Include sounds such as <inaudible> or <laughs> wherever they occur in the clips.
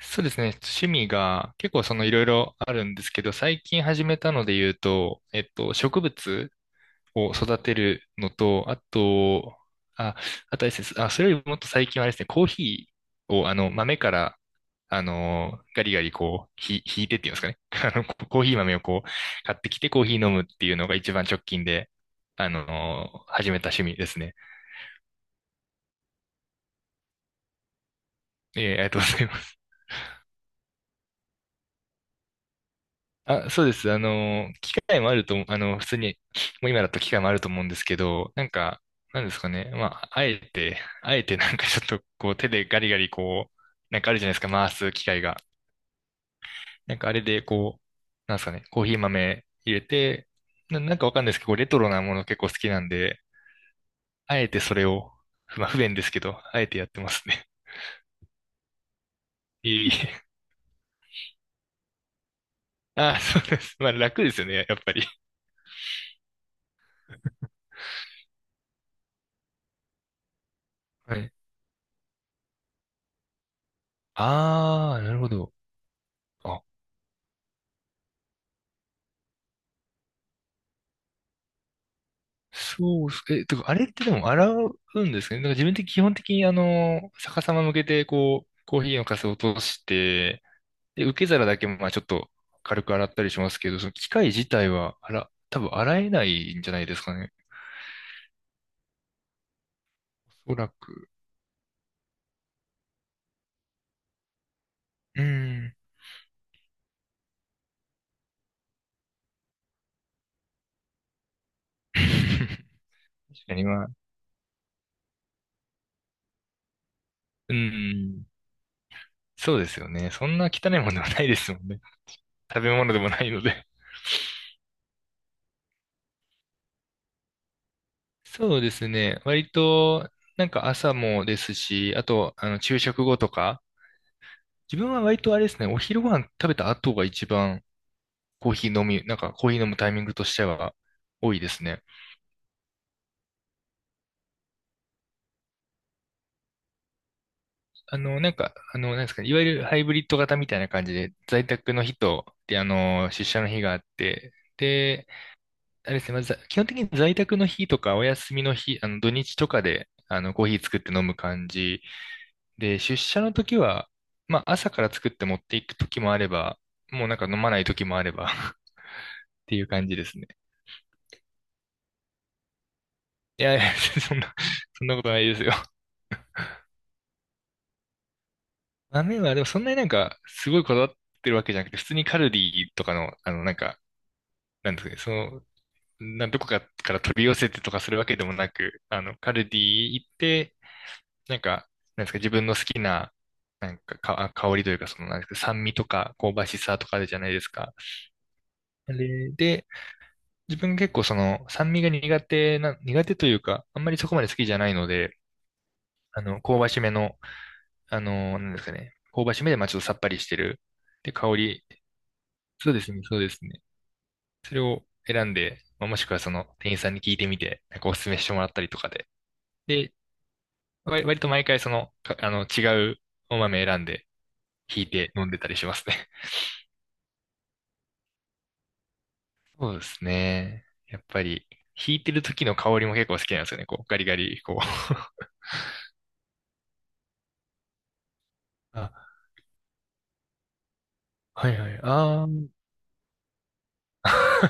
そうですね。趣味が結構そのいろいろあるんですけど、最近始めたので言うと、植物を育てるのと、あ、あとあれですね、あ、それよりもっと最近はあれですね、コーヒーを豆から、ガリガリこう、ひいてっていうんですかね。<laughs> コーヒー豆をこう、買ってきてコーヒー飲むっていうのが一番直近で、始めた趣味ですね。ありがとうございます。あ、そうです。機会もあると思う、普通に、もう今だと機会もあると思うんですけど、なんか、なんですかね。まあ、あえて、あえて <laughs> なんかちょっとこう手でガリガリこう、なんかあるじゃないですか、回す機械が。なんかあれでこう、なんですかね、コーヒー豆入れて、なんかわかんないですけど、こうレトロなもの結構好きなんで、あえてそれを、まあ不便ですけど、あえてやってますね。<laughs> いえいえ。あ、そうです。まあ楽ですよね、やっぱり。はい。ああ、なるほど。あそうす、え、とか、あれってでも洗うんですね。なんか自分的、基本的に逆さま向けて、こう、コーヒーのかすを落として、で、受け皿だけ、まあちょっと軽く洗ったりしますけど、その機械自体は、あら、多分洗えないんじゃないですかね。おそらく。うーん。<laughs> 確かに、まあ、うーん。そうですよね。そんな汚いものではないですもんね。食べ物でもないので。そうですね。割と、なんか朝もですし、あと、昼食後とか、自分は割とあれですね、お昼ご飯食べた後が一番コーヒー飲み、なんかコーヒー飲むタイミングとしては多いですね。なんか、なんですかね、いわゆるハイブリッド型みたいな感じで、在宅の日と、で、出社の日があって、で、あれですね、まず、基本的に在宅の日とかお休みの日、土日とかで、コーヒー作って飲む感じで、出社の時は、まあ、朝から作って持っていく時もあれば、もうなんか飲まない時もあれば <laughs> っていう感じですね。いやいや、<laughs> そんな、そんなことないですよ。<laughs> 豆は、でもそんなになんか、すごいこだわってるわけじゃなくて、普通にカルディとかの、なんか、なんですかね、どこかから取り寄せてとかするわけでもなく、カルディ行って、なんか、なんですか、自分の好きな、なんか、香りというか、なんですか、酸味とか、香ばしさとかあるじゃないですか。あれで、自分結構酸味が苦手な、苦手というか、あんまりそこまで好きじゃないので、香ばしめの、なんですかね。香ばしめで、まあちょっとさっぱりしてる。で、香り。そうですね、そうですね。選んで、まあ、もしくはその店員さんに聞いてみて、なんかおすすめしてもらったりとかで。で、割と毎回その、かあの、違うお豆選んで、引いて飲んでたりしますね。<laughs> そうですね。やっぱり、引いてる時の香りも結構好きなんですよね。こう、ガリガリ、こう。<laughs> あ、はいはい。あー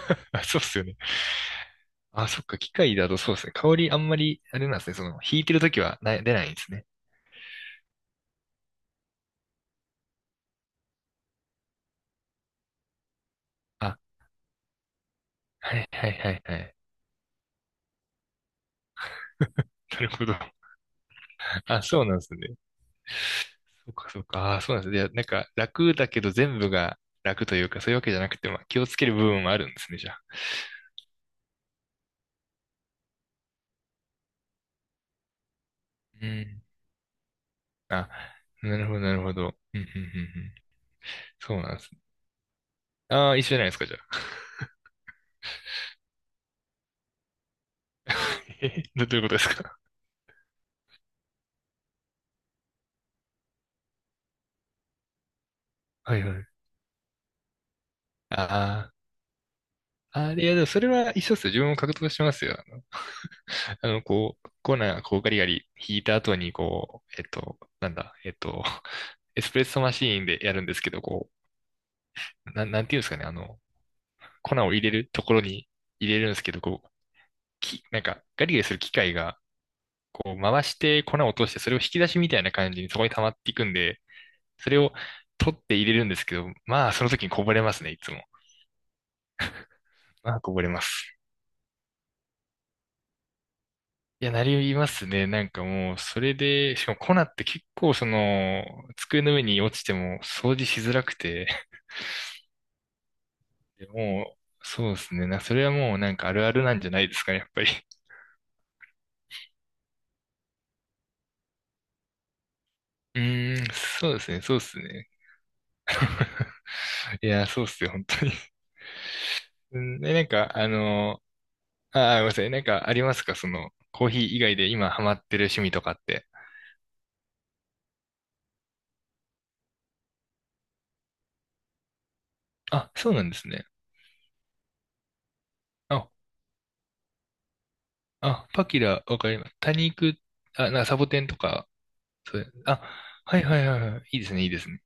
<laughs> そうっすよね。あ、そっか、機械だとそうですね。香りあんまり、あれなんですね。引いてる時は出ないんですね。あ、はいはいはいはい。<laughs> なるほど。あ、そうなんですね。そうかそうか。あ、そうなんですね。いや、なんか楽だけど全部が楽というか、そういうわけじゃなくて、まあ気をつける部分もあるんですね、じゃあ。うん。あ、なるほどなるほど。うんうんうんうん。そうなんですね。ああ、一緒じゃないですか、じゃあ。<laughs> え、どういうことですか？はいはい。ああ。ああ、いや、でもそれは一緒っすよ。自分も格闘してますよ。こう、コーナー、こう、ガリガリ引いた後に、こう、なんだ、<laughs> エスプレッソマシーンでやるんですけど、こう、なんていうんですかね、粉を入れるところに入れるんですけど、こう、なんか、ガリガリする機械が、こう、回して粉を落として、それを引き出しみたいな感じにそこに溜まっていくんで、それを取って入れるんですけど、まあ、その時にこぼれますね、いつも。まあ、こぼれます。いや、なりますね。なんかもう、それで、しかも粉って結構、机の上に落ちても掃除しづらくて、でもう、そうですね。それはもうなんかあるあるなんじゃないですかね、やっぱり。うーん、そうですね、そうですね。<laughs> いや、そうっすよ、本当に。うん、で、なんか、ああ、ごめんなさい。なんかありますかコーヒー以外で今ハマってる趣味とかって。あ、そうなんですね。あ、あ、パキラ、わかります。多肉、あ、サボテンとか、そう、あ、はいはいはいはい。いいですね、いいですね。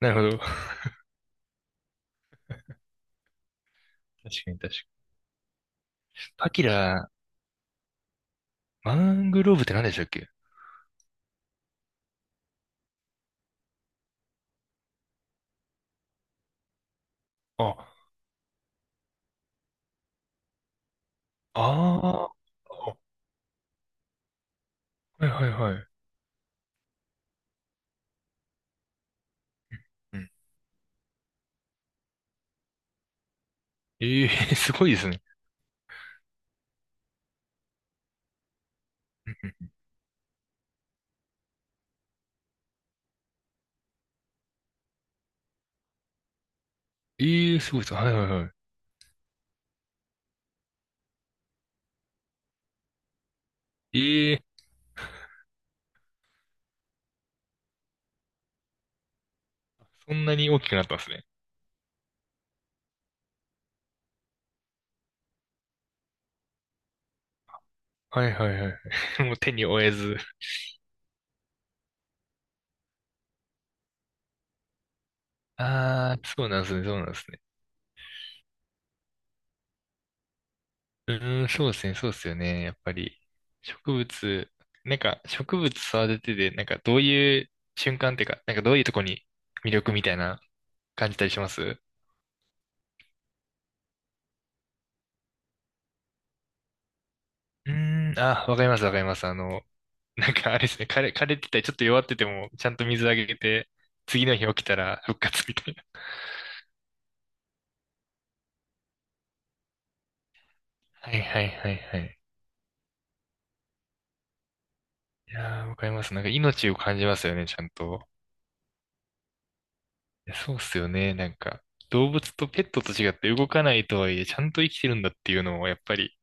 なるほど。<laughs> 確かに確かに。パキラ、マングローブって何でしたっけ？あ、ああ、はいはいはい。うん。ええー、<laughs> すごいですね。うんうんええー、すごいです。はいはいはい。ええー、そんなに大きくなったんですね。はいはいはい。<laughs> もう手に負えず。ああ、そうなんですね、そうなんですね。うーん、そうですね、そうですよね。やっぱり、植物、なんか、植物育ててて、なんか、どういう瞬間っていうか、なんか、どういうとこに魅力みたいな感じたりします？うーん、あ、わかります、わかります。なんか、あれですね、枯れてたり、ちょっと弱ってても、ちゃんと水あげて、次の日起きたら復活みたいな。はいはいはいはい。いやー、わかります。なんか、命を感じますよね、ちゃんと。そうっすよね。なんか、動物とペットと違って動かないとはいえ、ちゃんと生きてるんだっていうのを、やっぱり、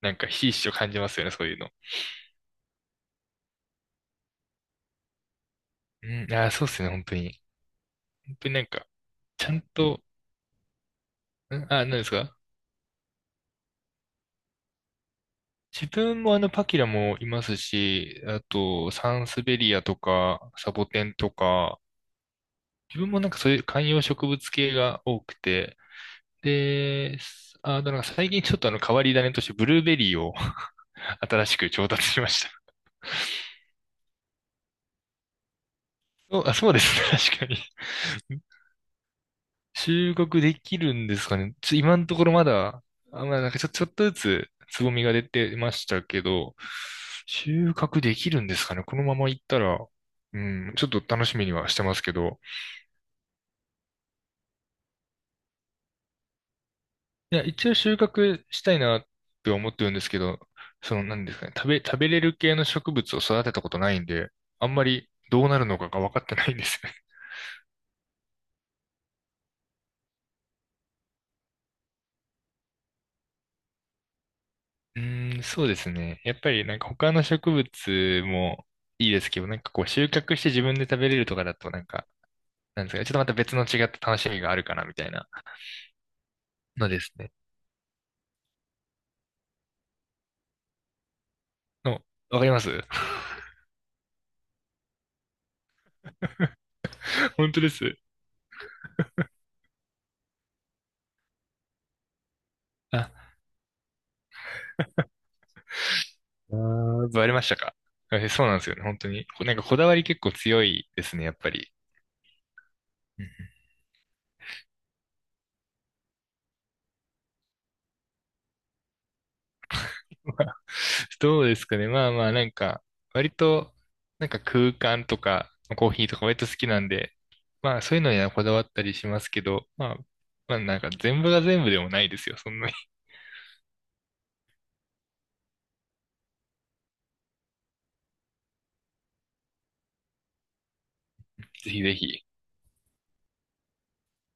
なんか、ひしひしと感じますよね、そういうの。うん、あー、そうっすよね、本当に。本当になんか、ちゃんと、何ですか？自分もパキラもいますし、あと、サンスベリアとか、サボテンとか、自分もなんかそういう観葉植物系が多くて、で、あ、あとなんか最近ちょっと変わり種として、ブルーベリーを <laughs> 新しく調達しました。そう、あ、そうですね、確かに。収穫できるんですかね。今のところまだ、あ、まあ、なんかちょっとずつつぼみが出てましたけど、収穫できるんですかね。このままいったら、うん、ちょっと楽しみにはしてますけど。いや、一応収穫したいなって思ってるんですけど、なんですかね。食べれる系の植物を育てたことないんで、あんまりどうなるのかが分かってないんですよね。<laughs> うーん、そうですね。やっぱりなんか他の植物もいいですけど、なんかこう収穫して自分で食べれるとかだとなんかなんですかね、ちょっとまた別の違った楽しみがあるかな、みたいなのですね。の、わかります <laughs> 本当です。あ、あーバレましたか？そうなんですよね、本当に。なんかこだわり結構強いですね、やっぱり。うん <laughs> どうですかね。まあまあ、なんか、割と、なんか空間とか、コーヒーとか割と好きなんで、まあそういうのにはこだわったりしますけど、まあ、まあなんか全部が全部でもないですよ、そんなに。<laughs> ぜひぜひ。